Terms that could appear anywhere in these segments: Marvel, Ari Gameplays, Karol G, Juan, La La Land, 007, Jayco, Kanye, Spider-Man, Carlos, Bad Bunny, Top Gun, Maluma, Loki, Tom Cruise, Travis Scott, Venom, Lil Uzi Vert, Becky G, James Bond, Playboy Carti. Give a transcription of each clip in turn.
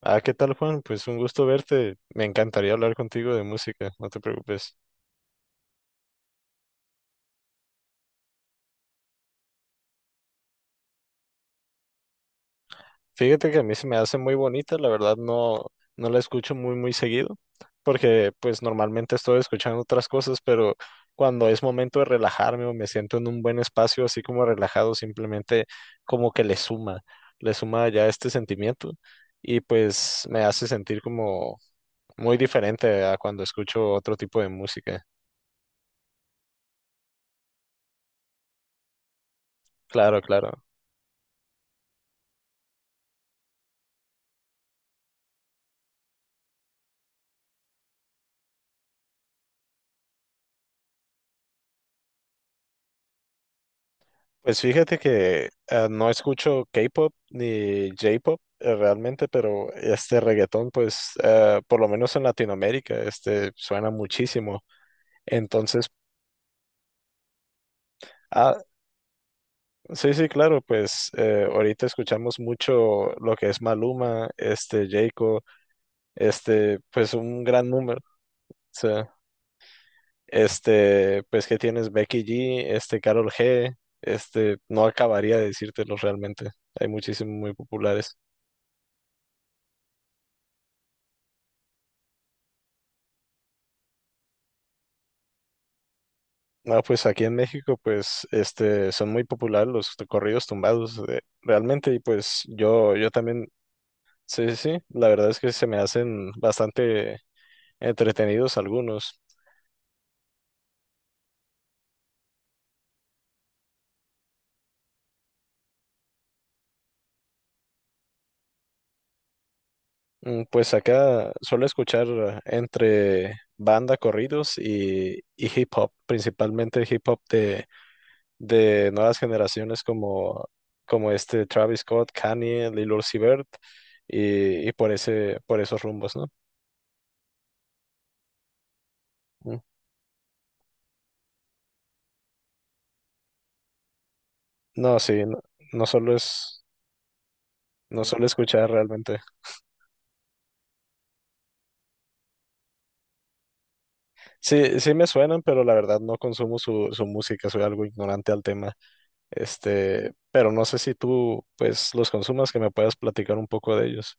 Ah, ¿qué tal, Juan? Pues un gusto verte. Me encantaría hablar contigo de música, no te preocupes. Fíjate que a mí se me hace muy bonita, la verdad no, no la escucho muy, muy seguido, porque pues normalmente estoy escuchando otras cosas, pero cuando es momento de relajarme o me siento en un buen espacio, así como relajado, simplemente como que le suma ya este sentimiento y pues me hace sentir como muy diferente a cuando escucho otro tipo de música. Claro, claro. Pues fíjate que no escucho K-pop ni J-pop realmente, pero este reggaetón, pues por lo menos en Latinoamérica, este suena muchísimo. Entonces, ah, sí, sí, claro, pues ahorita escuchamos mucho lo que es Maluma, este Jayco, este, pues un gran número. O sea, este, pues que tienes Becky G, este Karol G, este, no acabaría de decírtelos realmente. Hay muchísimos muy populares. No, pues aquí en México, pues, este, son muy populares los corridos tumbados, realmente, y pues yo también, sí, sí, sí, la verdad es que se me hacen bastante entretenidos algunos. Mm, pues acá suelo escuchar entre banda corridos y hip hop, principalmente hip hop de nuevas generaciones como, como este Travis Scott, Kanye, Lil Uzi Vert, y por ese, por esos rumbos, ¿no? Mm. No, sí, no, no solo es, no solo escuchar realmente. Sí, sí me suenan, pero la verdad no consumo su, su música, soy algo ignorante al tema. Este, pero no sé si tú, pues, los consumas, que me puedas platicar un poco de ellos.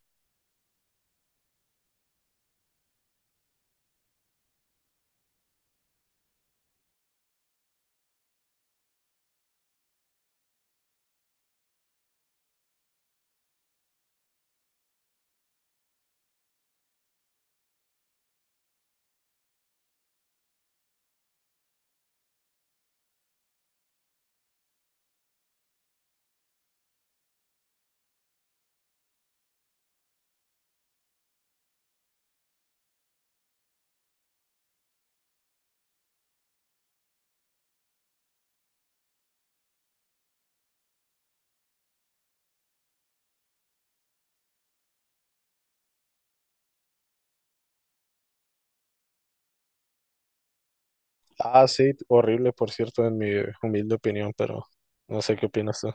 Ah, sí, horrible, por cierto, en mi humilde opinión, pero no sé qué opinas tú.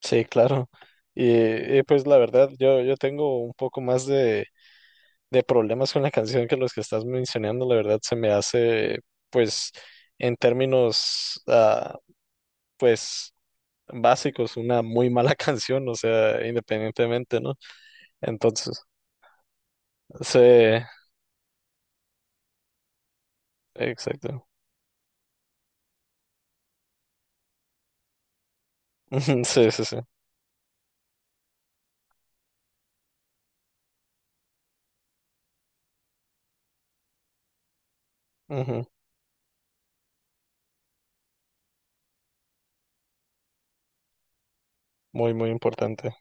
Sí, claro. Pues la verdad, yo tengo un poco más de problemas con la canción que los que estás mencionando, la verdad se me hace, pues, en términos pues básicos, una muy mala canción, o sea, independientemente, ¿no? Entonces, sí, exacto. Sí, sí, sí. Ujú, muy, muy importante.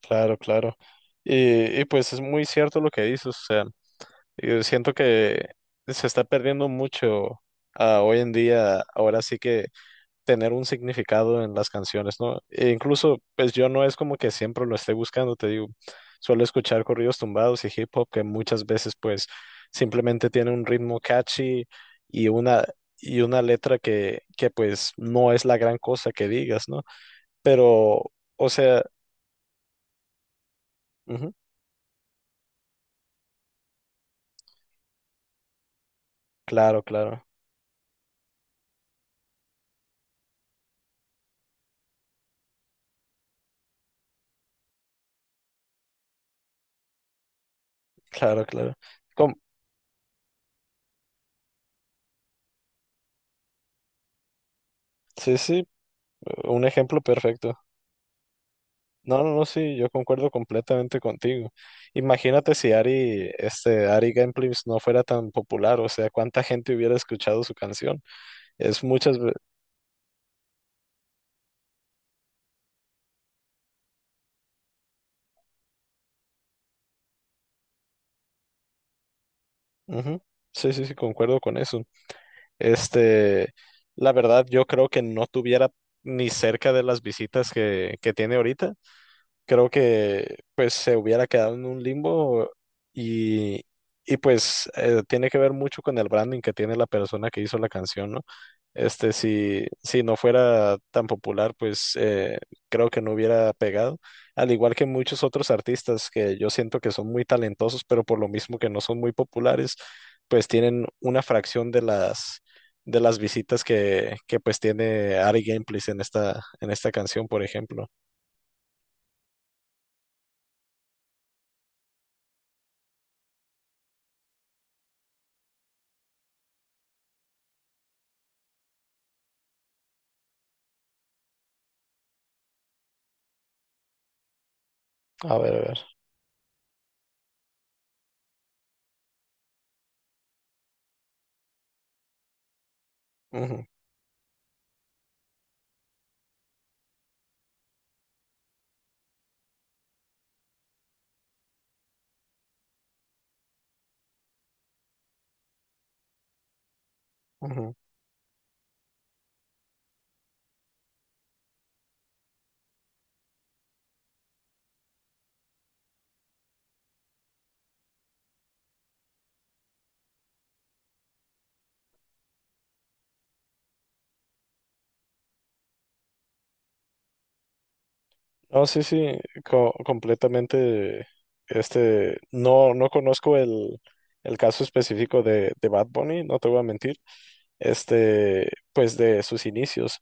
Claro, claro. Pues es muy cierto lo que dices, o sea, yo siento que se está perdiendo mucho hoy en día, ahora sí que tener un significado en las canciones, ¿no? E incluso, pues yo no es como que siempre lo esté buscando, te digo, suelo escuchar corridos tumbados y hip hop que muchas veces pues simplemente tiene un ritmo catchy y una, y una letra que pues no es la gran cosa que digas, ¿no? Pero, o sea, ujú, claro, claro, claro, claro. Com- sí, sí, un ejemplo perfecto. No, no, no, sí, yo concuerdo completamente contigo. Imagínate si Ari, este, Ari Gameplays no fuera tan popular, o sea, cuánta gente hubiera escuchado su canción. Es muchas veces. Sí, sí, sí, concuerdo con eso. Este, la verdad, yo creo que no tuviera ni cerca de las visitas que tiene ahorita. Creo que pues se hubiera quedado en un limbo y, y pues tiene que ver mucho con el branding que tiene la persona que hizo la canción, ¿no? Este, si no fuera tan popular, pues creo que no hubiera pegado, al igual que muchos otros artistas que yo siento que son muy talentosos, pero por lo mismo que no son muy populares, pues tienen una fracción de las visitas que pues tiene Ari Gameplays en esta canción, por ejemplo. A ver, a ver. Ujú. Ujú. No, sí, sí, completamente. Este, no, no conozco el caso específico de Bad Bunny, no te voy a mentir, este, pues de sus inicios.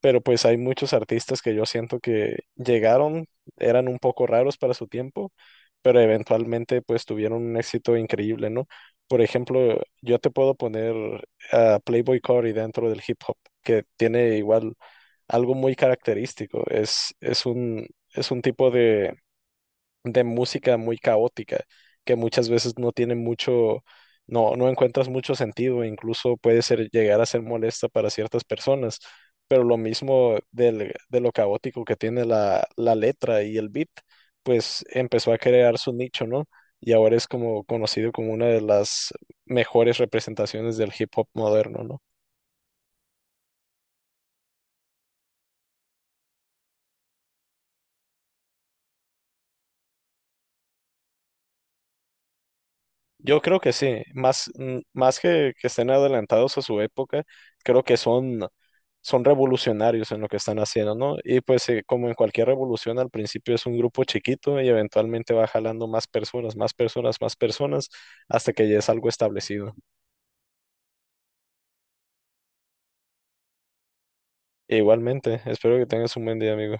Pero pues hay muchos artistas que yo siento que llegaron, eran un poco raros para su tiempo, pero eventualmente pues tuvieron un éxito increíble, ¿no? Por ejemplo, yo te puedo poner a Playboy Carti dentro del hip hop, que tiene igual algo muy característico. Es, es un tipo de música muy caótica, que muchas veces no tiene mucho, no, no encuentras mucho sentido, incluso puede ser, llegar a ser molesta para ciertas personas, pero lo mismo de lo caótico que tiene la, la letra y el beat, pues empezó a crear su nicho, ¿no? Y ahora es como conocido como una de las mejores representaciones del hip hop moderno, ¿no? Yo creo que sí, más, más que estén adelantados a su época, creo que son, son revolucionarios en lo que están haciendo, ¿no? Y pues como en cualquier revolución, al principio es un grupo chiquito y eventualmente va jalando más personas, más personas, más personas, hasta que ya es algo establecido. Igualmente, espero que tengas un buen día, amigo.